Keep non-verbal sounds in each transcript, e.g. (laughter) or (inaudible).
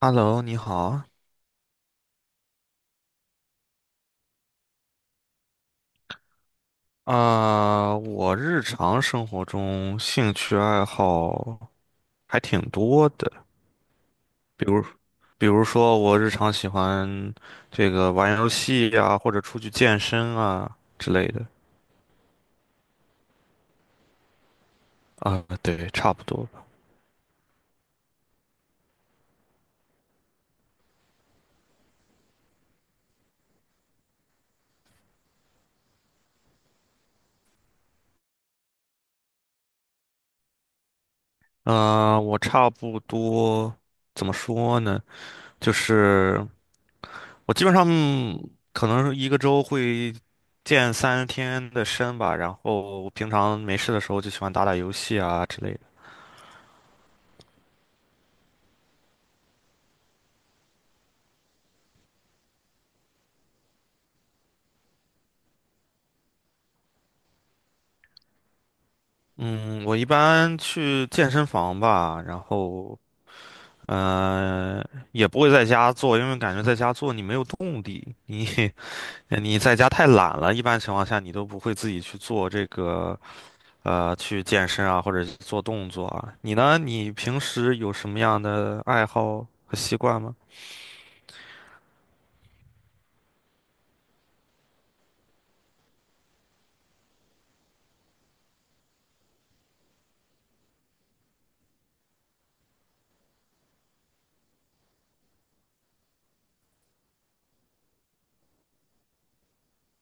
Hello，你好。啊、我日常生活中兴趣爱好还挺多的，比如，比如说我日常喜欢这个玩游戏呀、或者出去健身啊之类的。啊、对，差不多吧。我差不多怎么说呢？就是我基本上可能一个周会健3天的身吧，然后我平常没事的时候就喜欢打打游戏啊之类的。嗯，我一般去健身房吧，然后呃也不会在家做，因为感觉在家做你没有动力，你 (laughs) 你在家太懒了，一般情况下你都不会自己去做这个去健身啊或者做动作啊。你呢？你平时有什么样的爱好和习惯吗？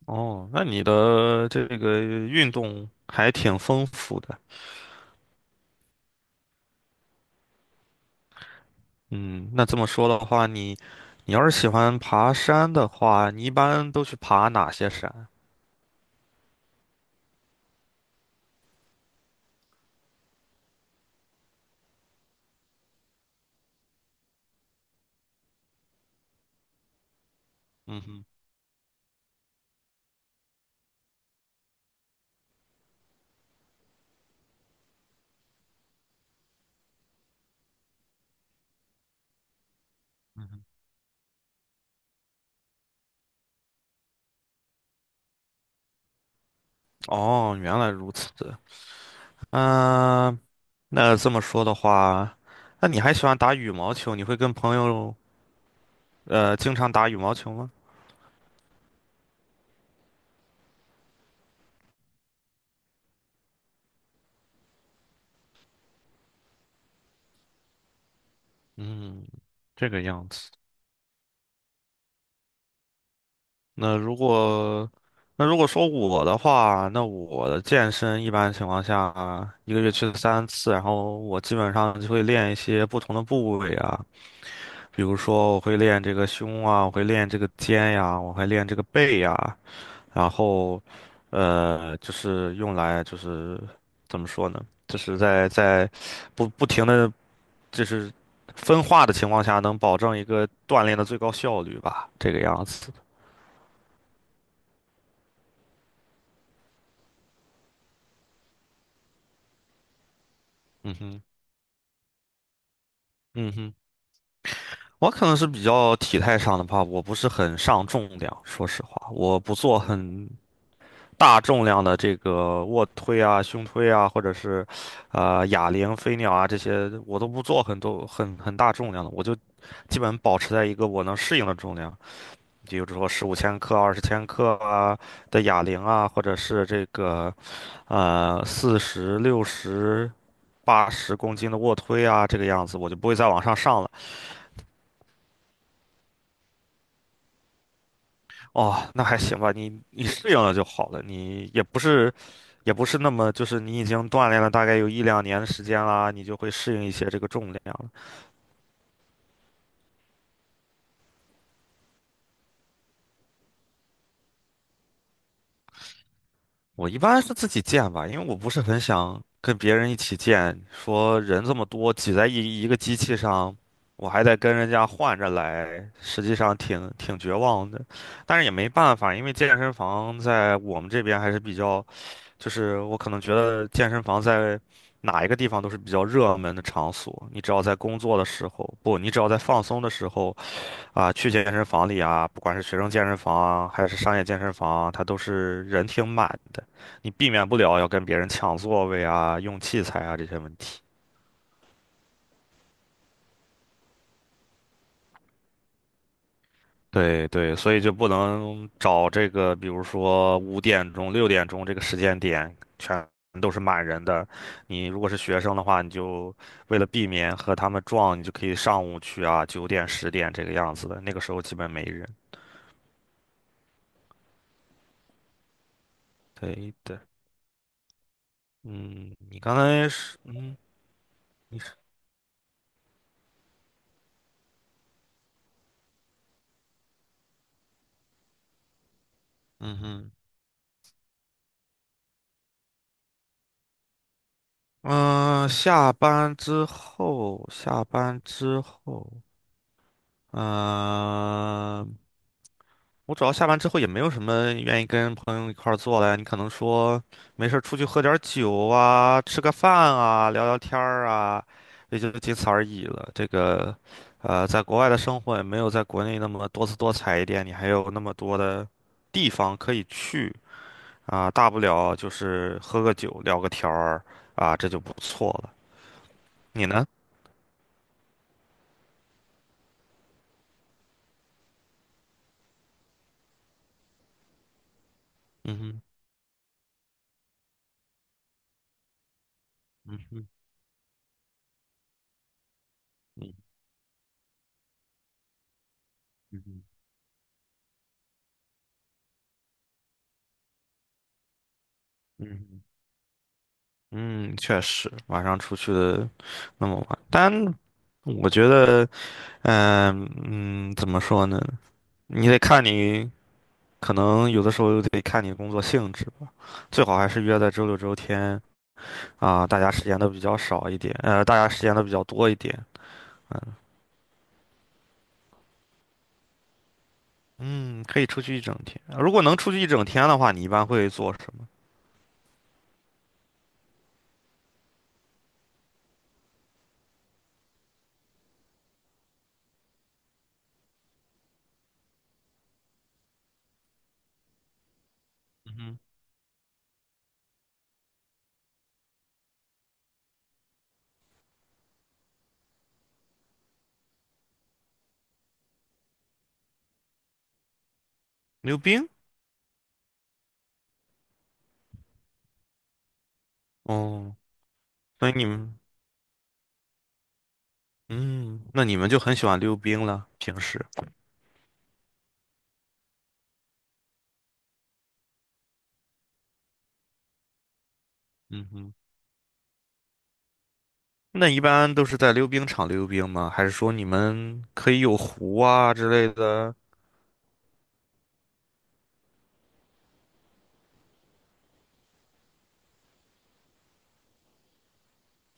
哦，那你的这个运动还挺丰富的。嗯，那这么说的话，你要是喜欢爬山的话，你一般都去爬哪些山？嗯哼，嗯哼，哦，原来如此。嗯、那这么说的话，那你还喜欢打羽毛球？你会跟朋友经常打羽毛球吗？嗯，这个样子。那如果那如果说我的话，那我的健身一般情况下一个月去3次，然后我基本上就会练一些不同的部位啊。比如说，我会练这个胸啊，我会练这个肩呀，我会练这个背呀，然后，就是用来就是怎么说呢？就是在不停的就是分化的情况下，能保证一个锻炼的最高效率吧，这个样子。嗯哼，嗯哼，我可能是比较体态上的吧，我不是很上重量，说实话，我不做很大重量的这个卧推啊、胸推啊，或者是，哑铃、飞鸟啊这些，我都不做很多很大重量的，我就基本保持在一个我能适应的重量，比如说15千克、20千克啊的哑铃啊，或者是这个40、60、80公斤的卧推啊，这个样子，我就不会再往上上了。哦，那还行吧，你适应了就好了，你也不是，那么，就是你已经锻炼了大概有一两年的时间啦，你就会适应一些这个重量了。我一般是自己健吧，因为我不是很想跟别人一起健，说人这么多挤在一个机器上，我还得跟人家换着来，实际上挺绝望的。但是也没办法，因为健身房在我们这边还是比较。就是我可能觉得健身房在哪一个地方都是比较热门的场所。你只要在工作的时候，不，你只要在放松的时候啊，去健身房里啊，不管是学生健身房啊，还是商业健身房啊，它都是人挺满的。你避免不了要跟别人抢座位啊、用器材啊这些问题。对对，所以就不能找这个，比如说5点钟、6点钟这个时间点，全都是满人的。你如果是学生的话，你就为了避免和他们撞，你就可以上午去啊，9点、10点这个样子的。那个时候基本没人。对的，嗯，你刚才是，嗯，你是，嗯哼，嗯、下班之后，嗯、我主要下班之后也没有什么愿意跟朋友一块儿做的呀，你可能说没事儿出去喝点儿酒啊，吃个饭啊，聊聊天儿啊，也就仅此而已了。这个，在国外的生活也没有在国内那么多姿多彩一点，你还有那么多的地方可以去啊，大不了就是喝个酒，聊个天儿啊，这就不错了。你呢？嗯哼，嗯哼，嗯哼，嗯哼，嗯哼。嗯，确实，晚上出去的那么晚，但我觉得，嗯嗯，怎么说呢？你得看你，可能有的时候又得看你工作性质吧。最好还是约在周六周天啊，大家时间都比较少一点，大家时间都比较多一点。嗯，嗯可以出去一整天。如果能出去一整天的话，你一般会做什么？嗯哼，溜冰？哦，所以你们，嗯，那你们就很喜欢溜冰了，平时。嗯哼。那一般都是在溜冰场溜冰吗？还是说你们可以有湖啊之类的？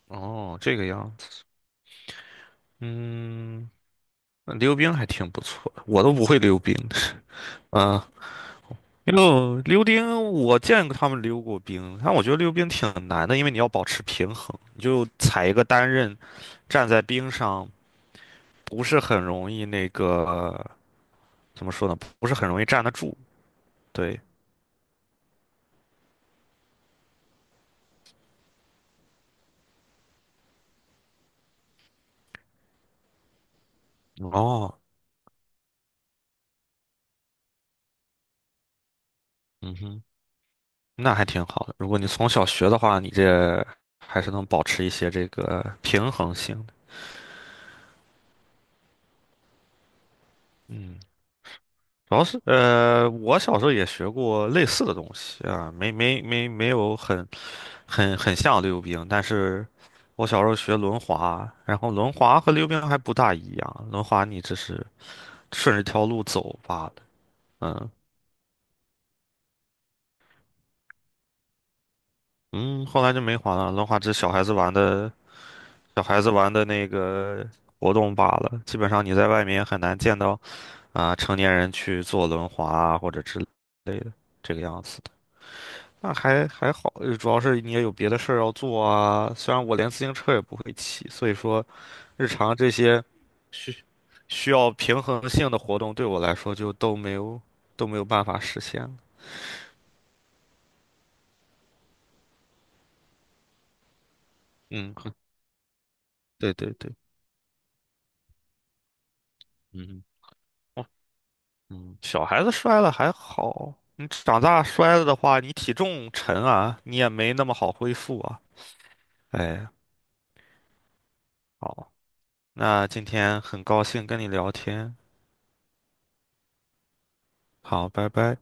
哦，这个样子，嗯，那溜冰还挺不错的，我都不会溜冰 (laughs) 啊。溜冰，我见过他们溜过冰，但我觉得溜冰挺难的，因为你要保持平衡，你就踩一个单刃，站在冰上不是很容易那个，怎么说呢？不是很容易站得住。对，哦，嗯哼。那还挺好的。如果你从小学的话，你这还是能保持一些这个平衡性的。嗯，主要是我小时候也学过类似的东西啊，没有很像溜冰，但是我小时候学轮滑，然后轮滑和溜冰还不大一样，轮滑你只是顺着一条路走罢了。嗯嗯，后来就没滑了，轮滑只是小孩子玩的那个活动罢了，基本上你在外面也很难见到。啊，成年人去坐轮滑啊或者之类的，这个样子的。那还好，主要是你也有别的事儿要做啊。虽然我连自行车也不会骑，所以说日常这些需需要平衡性的活动对我来说就都没有办法实现了。嗯，哼对对对，嗯，哦，嗯，小孩子摔了还好，你长大摔了的话，你体重沉啊，你也没那么好恢复啊。哎，好。那今天很高兴跟你聊天，好，拜拜。